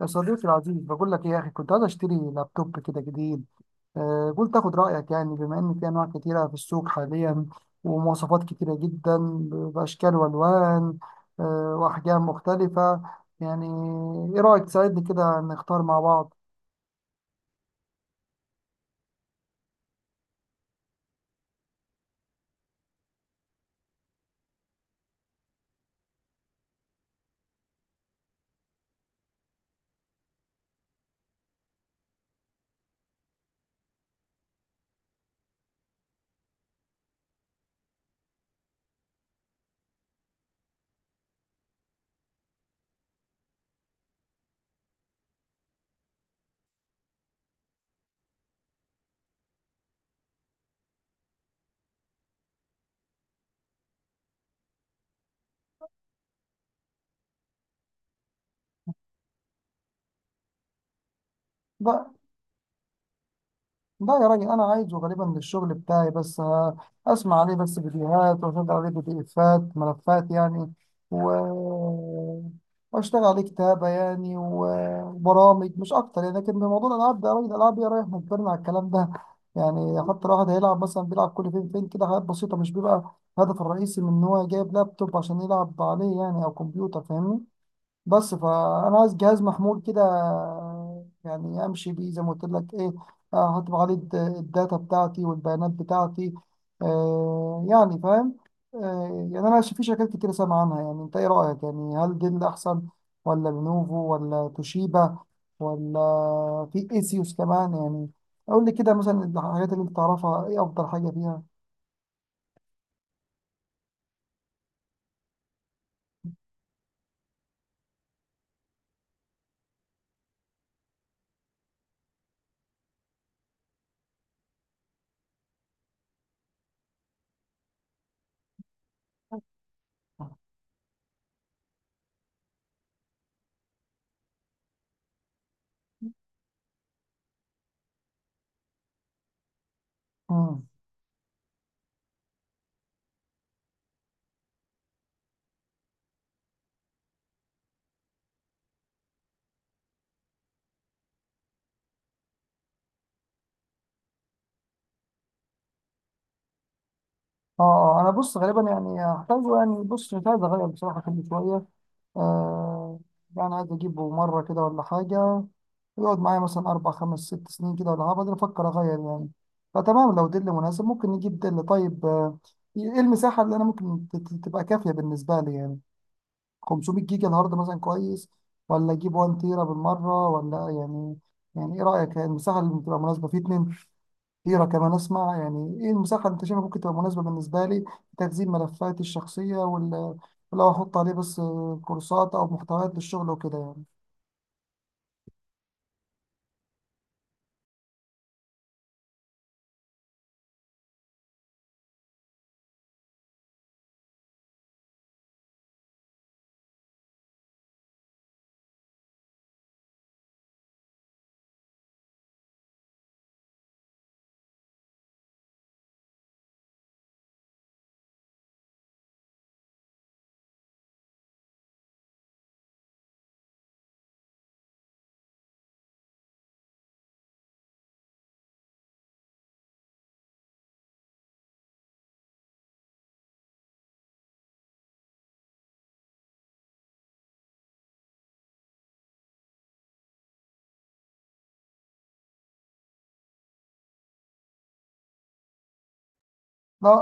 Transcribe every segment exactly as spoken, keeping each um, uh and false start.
يا صديقي العزيز بقول لك ايه يا اخي، كنت عايز اشتري لابتوب كده جديد. أه قلت اخد رايك يعني، بما ان في انواع كتيره في السوق حاليا، ومواصفات كتيره جدا، باشكال والوان، أه واحجام مختلفه يعني. ايه رايك تساعدني كده نختار مع بعض؟ لا يا راجل، انا عايزه غالبا للشغل بتاعي، بس ه- اسمع عليه بس فيديوهات واشغل عليه بي دي افات، ملفات يعني، و واشتغل عليه كتابة يعني، و- وبرامج مش اكتر يعني. لكن بموضوع الالعاب ده يا راجل، الالعاب يا رايح مجبرنا على الكلام ده يعني، حتى الواحد هيلعب مثلا، بيلعب كل فين فين كده حاجات بسيطة، مش بيبقى الهدف الرئيسي من ان هو جايب لابتوب عشان يلعب عليه يعني او كمبيوتر، فاهمني؟ بس فانا عايز جهاز محمول كده، يعني امشي بيه زي ما قلت لك ايه. آه، هطبع عليه الد- الداتا بتاعتي والبيانات بتاعتي، آه يعني فاهم. آه يعني انا ش- في شركات كتير سامع عنها يعني، انت ايه رايك؟ يعني هل دي اللي احسن، ولا لينوفو، ولا توشيبا، ولا في ايسيوس كمان يعني؟ اقول لي كده مثلا الحاجات اللي انت تعرفها، ايه افضل حاجه فيها؟ مم. اه، آه، انا بص غالبا يعني هحتاجه، يعني بص مش عايز اغير بصراحه كل شويه. آه يعني عايز اجيبه مره كده ولا حاجه، يقعد معايا مثلا اربع خمس ست سنين كده ولا حاجه، بعدين افكر اغير يعني. فتمام، لو دل مناسب ممكن نجيب دل. طيب، آه، ايه المساحه اللي انا ممكن ت- ت- تبقى كافيه بالنسبه لي يعني؟ 500 جيجا الهارد مثلا كويس، ولا اجيب 1 تيرا بالمره ولا يعني؟ يعني ايه رايك؟ يعني المساحه اللي بتبقى مناسبه في اتنين كتيرة كمان. أسمع، يعني إيه المساحة اللي أنت شايفها ممكن تبقى مناسبة بالنسبة لي لتخزين ملفاتي الشخصية وال- ولو أحط عليه بس كورسات أو محتويات للشغل وكده يعني؟ لا،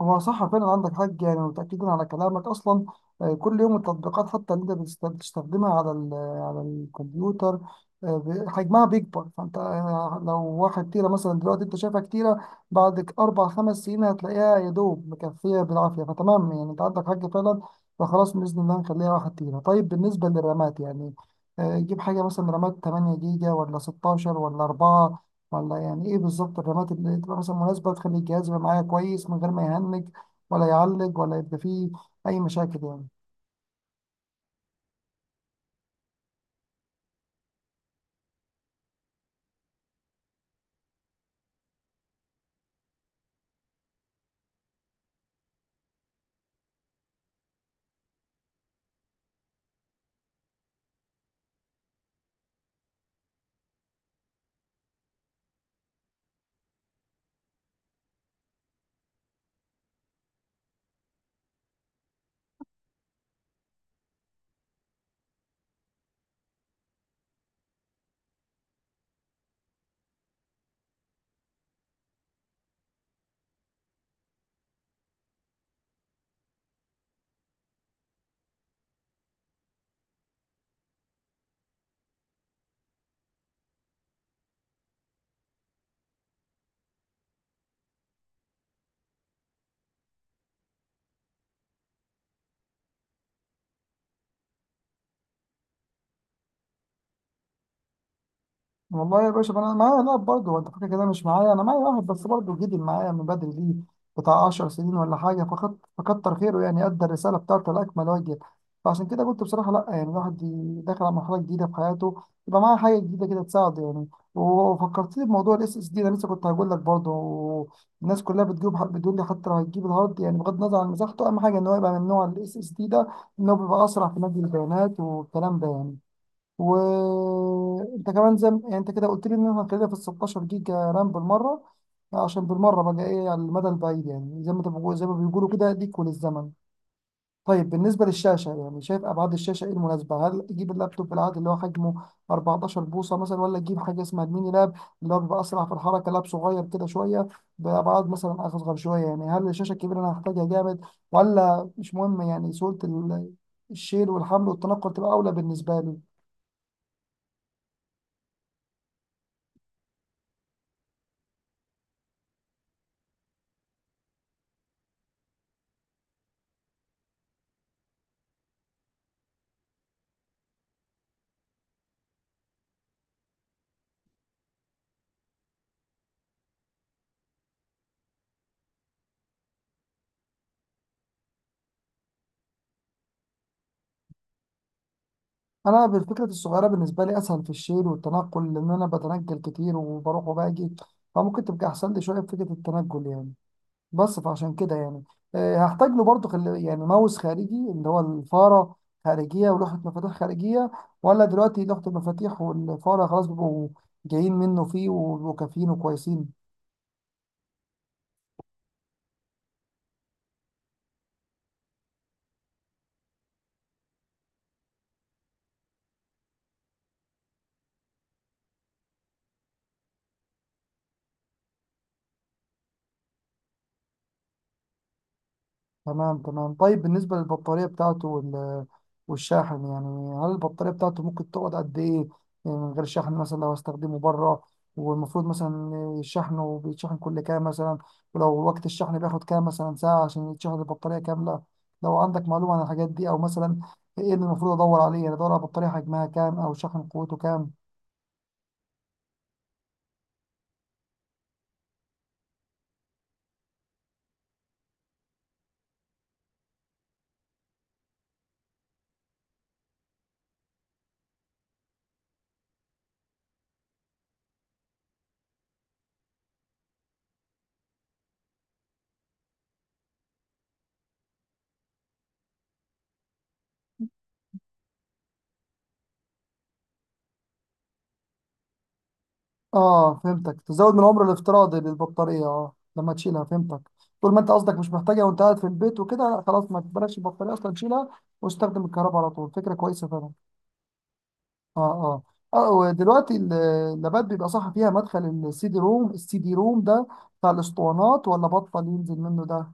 هو صح فعلا، عندك حق يعني، متأكدين على كلامك أصلا. آه، كل يوم التطبيقات حتى اللي أنت بتست- بتستخدمها على ال- على الكمبيوتر، آه، ب- حجمها بيكبر، فأنت آه، لو واحد تيرة مثلا دلوقتي أنت شايفها كتيرة، بعد ك- أربع خمس سنين هتلاقيها يا دوب مكفية بالعافية. فتمام يعني، أنت عندك حق فعلا، فخلاص بإذن الله نخليها واحد تيرة. طيب، بالنسبة للرامات يعني، آه، جيب حاجة مثلا رامات 8 جيجا ولا ستاشر ولا اربعة، ولا يعني ايه بالظبط الرمات اللي تبقى مثلا مناسبة تخلي الجهاز يبقى معايا كويس من غير ما يهنج ولا يعلق ولا يبقى فيه أي مشاكل يعني؟ والله يا باشا، ما انا معايا لاعب برضه انت فاكر كده، مش معايا، انا معايا واحد بس برضه جدي معايا من بدري، ليه بتاع 10 سنين ولا حاجه، فقط فكتر خيره يعني، ادى الرساله بتاعته لاكمل وجه. فعشان كده قلت بصراحه لا، يعني الواحد ي- داخل على مرحله جديده في حياته، يبقى معاه حاجه جديده كده تساعده يعني. وفكرتني بموضوع الاس اس دي، انا لسه كنت هقول لك برضه، الناس كلها بتجيب بتقول لي حتى لو هتجيب الهارد يعني، بغض النظر عن مساحته، اهم حاجه ان هو يبقى من نوع الاس اس دي ده، ان هو بيبقى اسرع في نقل البيانات والكلام ده يعني. وانت كمان زي ما- يعني انت كده قلت لي ان احنا هنخليها في ال ستاشر جيجا رام بالمره، عشان بالمره بقى ايه على المدى البعيد يعني، زي ما انت بقول- زي ما بيقولوا كده ليك وللزمن. طيب، بالنسبه للشاشه يعني، شايف ابعاد الشاشه ايه المناسبه؟ هل اجيب اللابتوب العادي اللي هو حجمه اربعتاشر بوصة بوصه مثلا، ولا اجيب حاجه اسمها الميني لاب اللي هو بيبقى اسرع في الحركه، لاب صغير كده شويه بابعاد مثلا اصغر شويه يعني؟ هل الشاشه الكبيره انا هحتاجها جامد ولا مش مهم يعني؟ سهوله ال- الشيل والحمل والتنقل تبقى اولى بالنسبه لي. انا بالفكره الصغيره بالنسبه لي اسهل في الشيل والتنقل، لان انا بتنقل كتير وبروح وباجي، فممكن تبقى احسن لي شويه في فكره التنقل يعني. بس فعشان كده يعني، آه، هحتاج له برضه خل... يعني ماوس خارجي اللي هو الفاره خارجيه ولوحه مفاتيح خارجيه، ولا دلوقتي لوحه المفاتيح والفاره خلاص بيبقوا جايين منه فيه وبيبقوا كافيين وكويسين؟ تمام تمام، طيب بالنسبة للبطارية بتاعته وال- والشاحن يعني، هل البطارية بتاعته ممكن تقعد قد إيه؟ يعني من غير شحن، مثلا لو هستخدمه بره، والمفروض مثلا شحنه بيتشحن كل كام مثلا؟ ولو وقت الشحن بياخد كام مثلا ساعة عشان يتشحن البطارية كاملة؟ لو عندك معلومة عن الحاجات دي، أو مثلا إيه اللي المفروض أدور عليه يعني؟ أدور على بطارية حجمها كام أو شحن قوته كام؟ اه فهمتك، تزود من عمر الافتراضي للبطارية، اه لما تشيلها، فهمتك. طول ما انت قصدك مش محتاجها وانت قاعد في البيت وكده، خلاص ما تبلاش البطارية اصلا، تشيلها واستخدم الكهرباء على طول، فكرة كويسة فعلا. اه اه، اه ودلوقتي ال- اللابات بيبقى صح فيها مدخل السي دي روم؟ السي دي روم ده بتاع الاسطوانات ولا بطل ينزل منه ده؟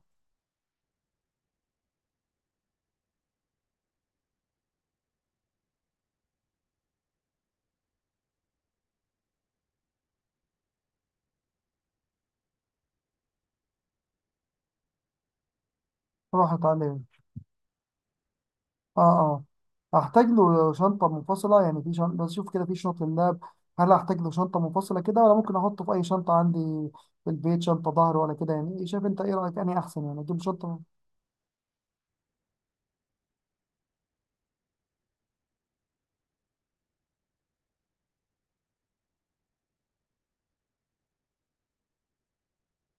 راحت عليه. اه اه، هحتاج له شنطة منفصلة يعني، في شنطة بشوف كده في شنط اللاب، هل هحتاج له شنطة منفصلة كده، ولا ممكن احطه في اي شنطة عندي في البيت، شنطة ظهر ولا كده يعني؟ إيه شايف انت؟ ايه رأيك؟ اني احسن يعني اجيب شنطة؟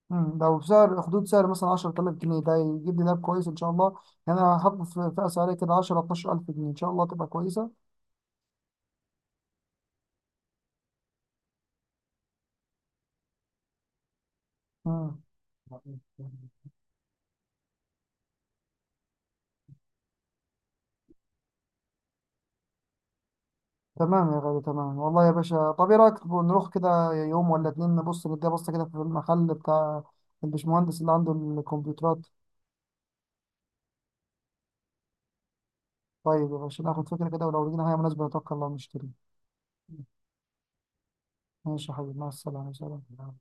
مم، لو بسعر حدود سعر مثلا عشرة آلاف جنيه، ده يجيب لي لاب كويس ان شاء الله؟ يعني انا هحط في فئة سعرية كده عشرة اثناعشر الف جنيه، ان شاء الله تبقى كويسة. مم. تمام يا غالي، تمام، والله يا باشا، طب ايه رايك نروح كده يوم ولا اتنين نبص نديها بصه كده في المحل بتاع البشمهندس اللي عنده الكمبيوترات؟ طيب يا باشا، ناخد فكره كده، ولو لقينا حاجه مناسبه نتوكل الله ونشتري. ماشي يا حبيبي، مع السلامه، سلام.